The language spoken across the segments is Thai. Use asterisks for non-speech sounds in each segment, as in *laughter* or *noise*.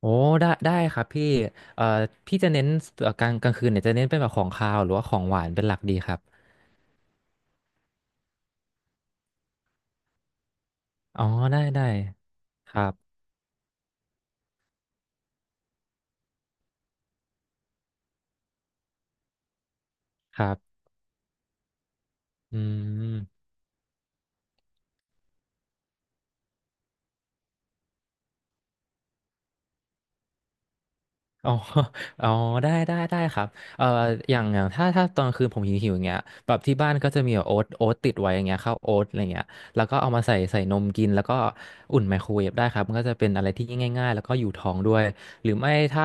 โอ้ได้ได้ครับพี่เอ่อพี่จะเน้นกลางคืนเนี่ยจะเน้นเป็นแบบของคาวหรือว่าของหวานเป็นหลักดีครับอ๋อได้ได้ครับครับอืม *laughs* อ๋อ *laughs* อ๋อได้ได้ได้ครับเอ่ออย่างถ้าตอนกลางคืนผมหิวอย่างเงี้ยแบบที่บ้านก็จะมีแบบโอ๊ตติดไว้อย่างเงี้ยข้าวโอ๊ตอะไรเงี้ยแล้วก็เอามาใส่นมกินแล้วก็อุ่นไมโครเวฟได้ครับมันก็จะเป็นอะไรที่ง่ายๆแล้วก็อยู่ท้องด้วย หรือไม่ถ้า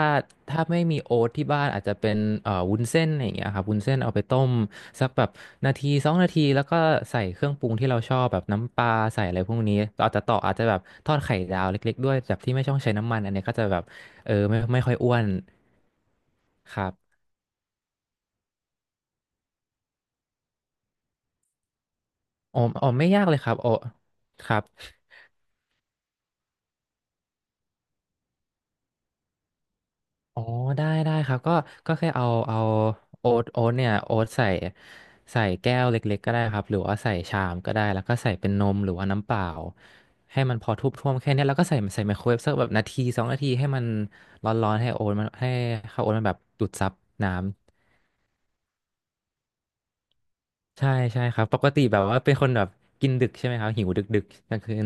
ไม่มีโอ๊ตที่บ้านอาจจะเป็นวุ้นเส้นอะไรอย่างเงี้ยครับวุ้นเส้นเอาไปต้มสักแบบนาทีสองนาทีแล้วก็ใส่เครื่องปรุงที่เราชอบแบบน้ำปลาใส่อะไรพวกนี้อาจจะต่ออาจจะแบบทอดไข่ดาวเล็กๆด้วยแบบที่ไม่ต้องใช้น้ำมันอันเนี้ยก็จะแบบเออไม่ค่อยอ้วนครับอ๋อไม่ยากเลยครับอ๋อครับ อ๋อได้ได้ครับก็แค่เอาโอ๊ตเนี่ยโอ๊ตใส่แก้วเล็กๆก็ได้ครับหรือว่าใส่ชามก็ได้แล้วก็ใส่เป็นนมหรือว่าน้ำเปล่าให้มันพอท่วมๆแค่เนี้ยแล้วก็ใส่ไมโครเวฟสักแบบนาทีสองนาทีให้มันร้อนๆให้โอ๊ตมันให้ข้าวโอ๊ตมันแบบดูดซับน้ำใช่ใช่ครับปกติแบบว่าเป็นคนแบบกินดึกใช่ไหมครับหิวดึกๆกลางคืน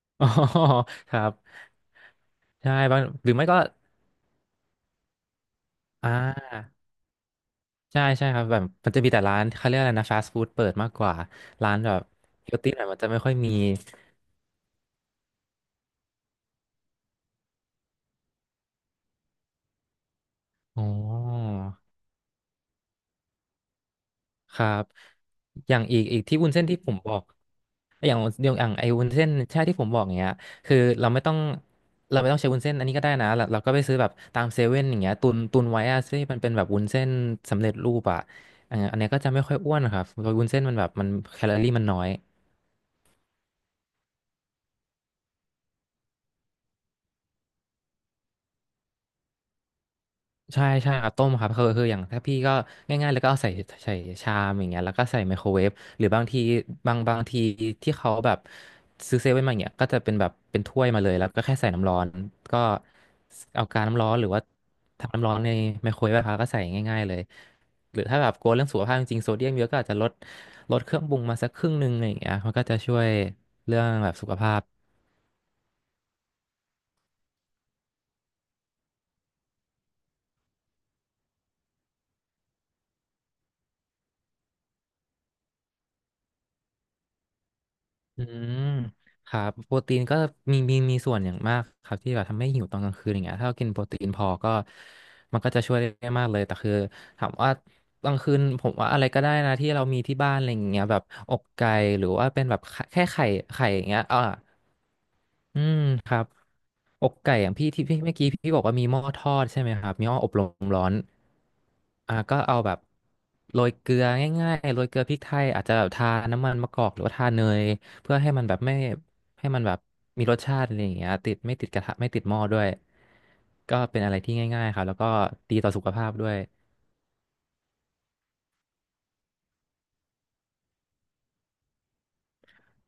*laughs* อ๋อครับใช่บางหรือไม่ก็อ่า ใช่ใช่ครับแบบมันจะมีแต่ร้านเขาเรียกอะไรนะฟาสต์ฟู้ดเปิดมากกว่าร้านแบบเฮลตี้หน่อยมันจะไม่ค่อยมีอ๋อครับอย่างอีกที่วุ้นเส้นที่ผมบอกอย่างอย่างไอ้วุ้นเส้นใช่ที่ผมบอกเนี้ยคือเราไม่ต้องเราไม่ต้องใช้วุ้นเส้นอันนี้ก็ได้นะเราก็ไปซื้อแบบตามเซเว่นอย่างเงี้ยตุนไว้อะซึ่งมันเป็นแบบวุ้นเส้นสำเร็จรูปอะอันเนี้ยก็จะไม่ค่อยอ้วนครับเพราะวุ้นเส้นมันแบบมันแคลอรี่มันน้อย ใช่ใช่เอาต้มครับคืออย่างถ้าพี่ก็ง่ายๆแล้วก็เอาใส่ใส่ชามอย่างเงี้ยแล้วก็ใส่ไมโครเวฟหรือบางทีบางทีที่เขาแบบซื้อเซเว่นมาอย่างเงี้ยก็จะเป็นแบบเป็นถ้วยมาเลยแล้วก็แค่ใส่น้ำร้อนก็เอากาน้ำร้อนหรือว่าทำน้ำร้อนในไมโครเวฟอะครับก็ใส่ง่ายๆเลยหรือถ้าแบบกลัวเรื่องสุขภาพจริงๆโซเดียมเยอะก็อาจจะลดเครื่องปรุงมาสักครึ่งหนึงอะไรอย่างเงี้ยมันก็จะช่วยเรื่องแบบสุขภาพ อืมครับโปรตีนก็มีมีส่วนอย่างมากครับที่แบบทำให้หิวตอนกลางคืนอย่างเงี้ยถ้าเรากินโปรตีนพอก็มันก็จะช่วยได้มากเลยแต่คือถามว่ากลางคืนผมว่าอะไรก็ได้นะที่เรามีที่บ้านอะไรอย่างเงี้ยแบบอกไก่หรือว่าเป็นแบบไข่แค่ไข่ไข่อย่างเงี้ยอ่าอืมครับ อกไก่อย่างพี่ที่พี่เมื่อกี้พี่บอกว่ามีหม้อทอดใช่ไหมครับมีหม้ออบลมร้อนอ่าก็เอาแบบโรยเกลือง่ายๆโรยเกลือพริกไทยอาจจะแบบทาน้ำมันมะกอกหรือว่าทาเนยเพื่อให้มันแบบไม่ให้มันแบบมีรสชาติอะไรอย่างเงี้ยติดไม่ติดกระทะไม่ติดหม้อด้วยก็เป็นอะไรที่ง่ายๆครับแล้วก็ดีต่อสุขภาพด้วย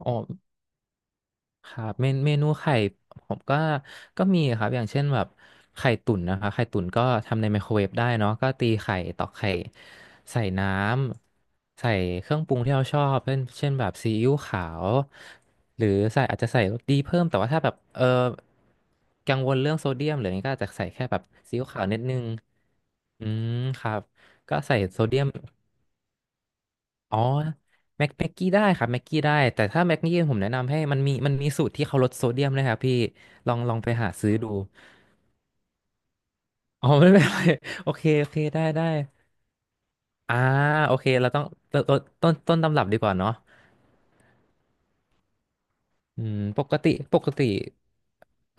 อ๋อ ครับเมนเมนูไข่ผมก็มีครับอย่างเช่นแบบไข่ตุ๋นนะครับไข่ตุ๋นก็ทำในไมโครเวฟได้เนาะก็ตีไข่ตอกไข่ใส่น้ำใส่เครื่องปรุงที่เราชอบเช่นแบบซีอิ๊วขาวหรือใส่อาจจะใส่รสดีเพิ่มแต่ว่าถ้าแบบเออกังวลเรื่องโซเดียมหรืออะไรเงี้ยก็อาจจะใส่แค่แบบซีอิ๊วขาวนิดนึงอืมครับก็ใส่โซเดียม อ๋อแม็กกี้ได้ครับแม็กกี้ได้แต่ถ้าแม็กกี้ผมแนะนำให้มันมีมันมีสูตรที่เขาลดโซเดียมนะครับพี่ลองไปหาซื้อดูอ๋อ *laughs* ไม่เป็นไรโอเคโอเคได้ได้อ่าโอเคเราต้องต้นต้นตำรับดีกว่าเนาะอืมปกติปกติ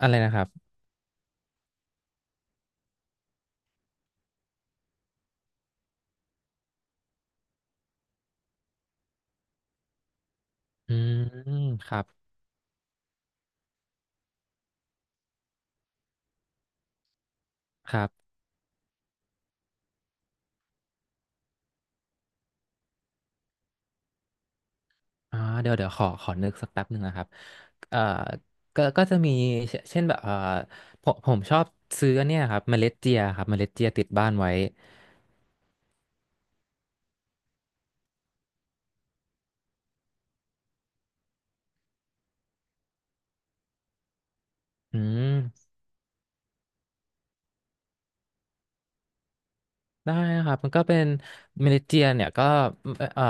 อะไรนะครับอืมครับครับอ่าเดี๋ยวขอนึกสักแป๊บหนึ่งนะครับเอ่อก็จะมีเช่นแบบผมชอบซื้อเนี่ยครับเมล็ดเจียครับเมล็ดเจียติดบ้านไว้อืม ได้ครับมันก็เป็นเมเนเจียนเนี่ยก็เอ่อ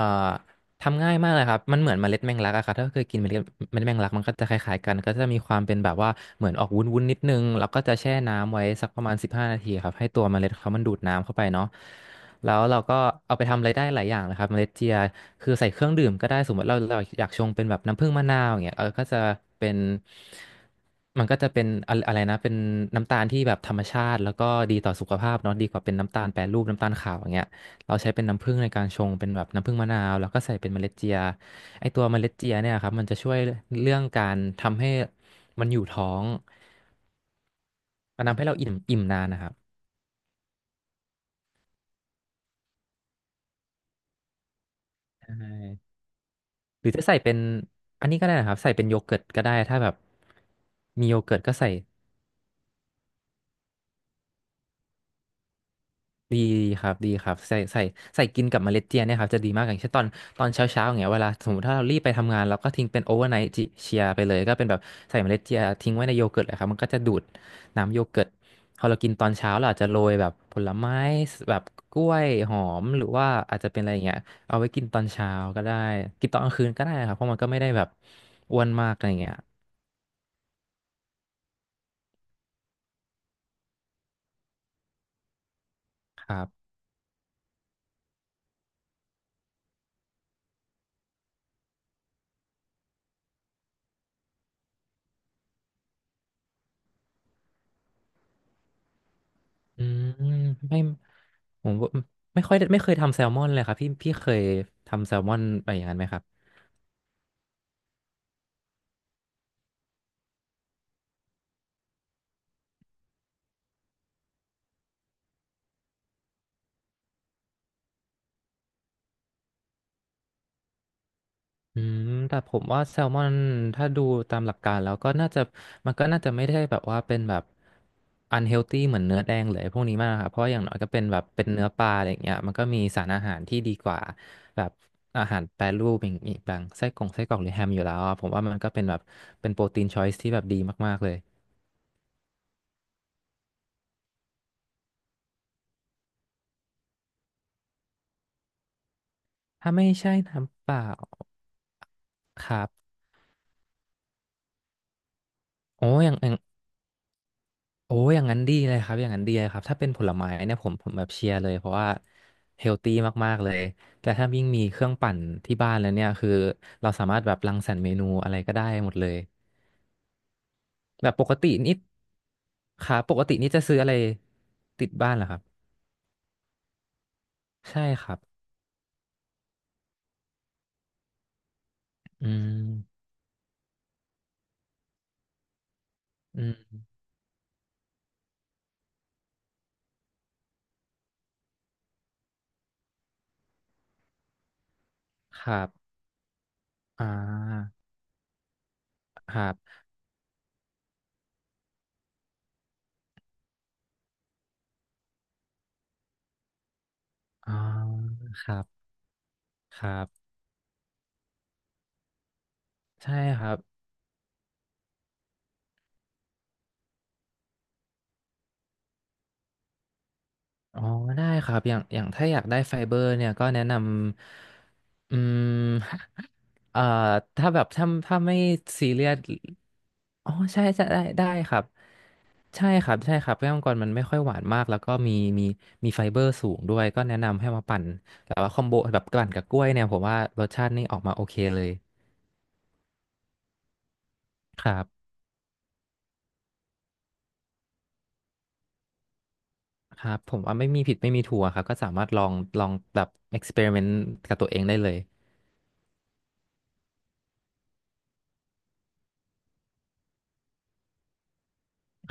ทำง่ายมากเลยครับมันเหมือนเมล็ดแมงลักอะครับถ้าเคยกินเมล็ดแมงลักมันก็จะคล้ายๆกันก็จะมีความเป็นแบบว่าเหมือนออกวุ้นๆนิดนึงแล้วก็จะแช่น้ำไว้สักประมาณสิบห้านาทีครับให้ตัวเมล็ดเขามันดูดน้ำเข้าไปเนาะแล้วเราก็เอาไปทำอะไรได้หลายอย่างเลยครับเมล็ดเจียคือใส่เครื่องดื่มก็ได้สมมติเราอยากชงเป็นแบบน้ำผึ้งมะนาวอย่างเงี้ยเออก็จะเป็นมันก็จะเป็นอะไรอะไรนะเป็นน้ำตาลที่แบบธรรมชาติแล้วก็ดีต่อสุขภาพเนาะดีกว่าเป็นน้ำตาลแปรรูปน้ำตาลขาวอย่างเงี้ย เราใช้เป็นน้ำผึ้งในการชงเป็นแบบน้ำผึ้งมะนาวแล้วก็ใส่เป็นเมล็ดเจียไอตัวเมล็ดเจียเนี่ยครับมันจะช่วยเรื่องการทำให้มันอยู่ท้องมันทำให้เราอิ่มอิ่มนานนะครับใช่หรือจะใส่เป็นอันนี้ก็ได้นะครับใส่เป็นโยเกิร์ตก็ได้ถ้าแบบมีโยเกิร์ตก็ใส่ ดีครับดีครับใส่กินกับเมล็ดเจียเนี่ยครับจะดีมากอย่างเช่นตอนเช้าเช้าอย่างเงี้ยเวลาสมมติถ้าเรารีบไปทำงานเราก็ทิ้งเป็นโอเวอร์ไนท์เชียไปเลยก็เป็นแบบใส่เมล็ดเจียทิ้งไว้ในโยเกิร์ตเลยครับมันก็จะดูดน้ำโยเกิร์ตพอเรากินตอนเช้าเราอาจจะโรยแบบผลไม้แบบกล้วยหอมหรือว่าอาจจะเป็นอะไรอย่างเงี้ยเอาไว้กินตอนเช้าก็ได้กินตอนกลางคืนก็ได้ครับเพราะมันก็ไม่ได้แบบอ้วนมากอะไรอย่างเงี้ยครับ อืมไม่ผมว่าไม่ค่อยได้ไม่เคยทำแซลมอนเลยครับพี่เคยทำแซลมอนไปอย่างนั้นไหมครับอืมแต่ผมว่าแซลมอนถ้าดูตามหลักการแล้วก็น่าจะมันก็น่าจะไม่ได้แบบว่าเป็นแบบอันเฮลตี้เหมือนเนื้อแดงเลยพวกนี้มากครับเพราะอย่างน้อยก็เป็นแบบเป็นเนื้อปลาอะไรอย่างเงี้ยมันก็มีสารอาหารที่ดีกว่าแบบอาหารแปรรูปอย่างอีกบางไส้กรองไส้กรอกหรือแฮมอยู่แล้วอะผมว่ามันก็เป็นแบบเป็นโปรตีนชอยส์ที่แบบดีมากๆเลยถ้าไม่ใช่น้ำเปล่าครับโอ้อย่าง โอ้ยอย่างนั้นดีเลยครับอย่างนั้นดีเลยครับถ้าเป็นผลไม้เนี่ยผมแบบเชียร์เลยเพราะว่าเฮลตี้มากๆเลยแต่ถ้ายิ่งมีเครื่องปั่นที่บ้านแล้วเนี่ยคือเราสามารถแบบรังสรรค์เมนูอะไรก็ได้หมดเลยแบบปกตินี่ค่ะปกตินี่จะซื้ออะไรติดบ้านเหรอครับใช่ครับอืมอืมครับอ่าครับอ่าครับครับใช่ครับอ๋อได้ครับอย่างอย่างถ้าอยากได้ไฟเบอร์เนี่ยก็แนะนำ อืม *laughs* เอ่อ ถ้าแบบถ้าไม่ซีเรียสอ๋อ ใช่ใช่ได้ได้ครับ ใช่ครับใช่ครับแก้วมังกรมันไม่ค่อยหวานมากแล้วก็มีมีมีไฟเบอร์สูงด้วยก็แนะนำให้มาปั่นแต่ว่าคอมโบแบบปั่นกับกล้วยเนี่ยผมว่ารสชาตินี่ออกมาโอเคเลยครับครับผมว่าไม่มีผิดไม่มีถูกอะครับก็สามารถลองแบบเอ็กซ์เพร์เมนต์กับตัวเองได้เลย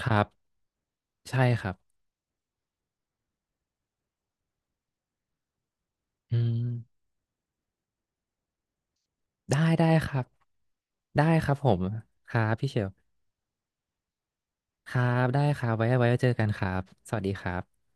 ครับใช่ครับอืมได้ได้ครับได้ครับผมครับพี่เชล ครับ ได้ครับ ไว้ เจอกันครับ สวัสดีครับ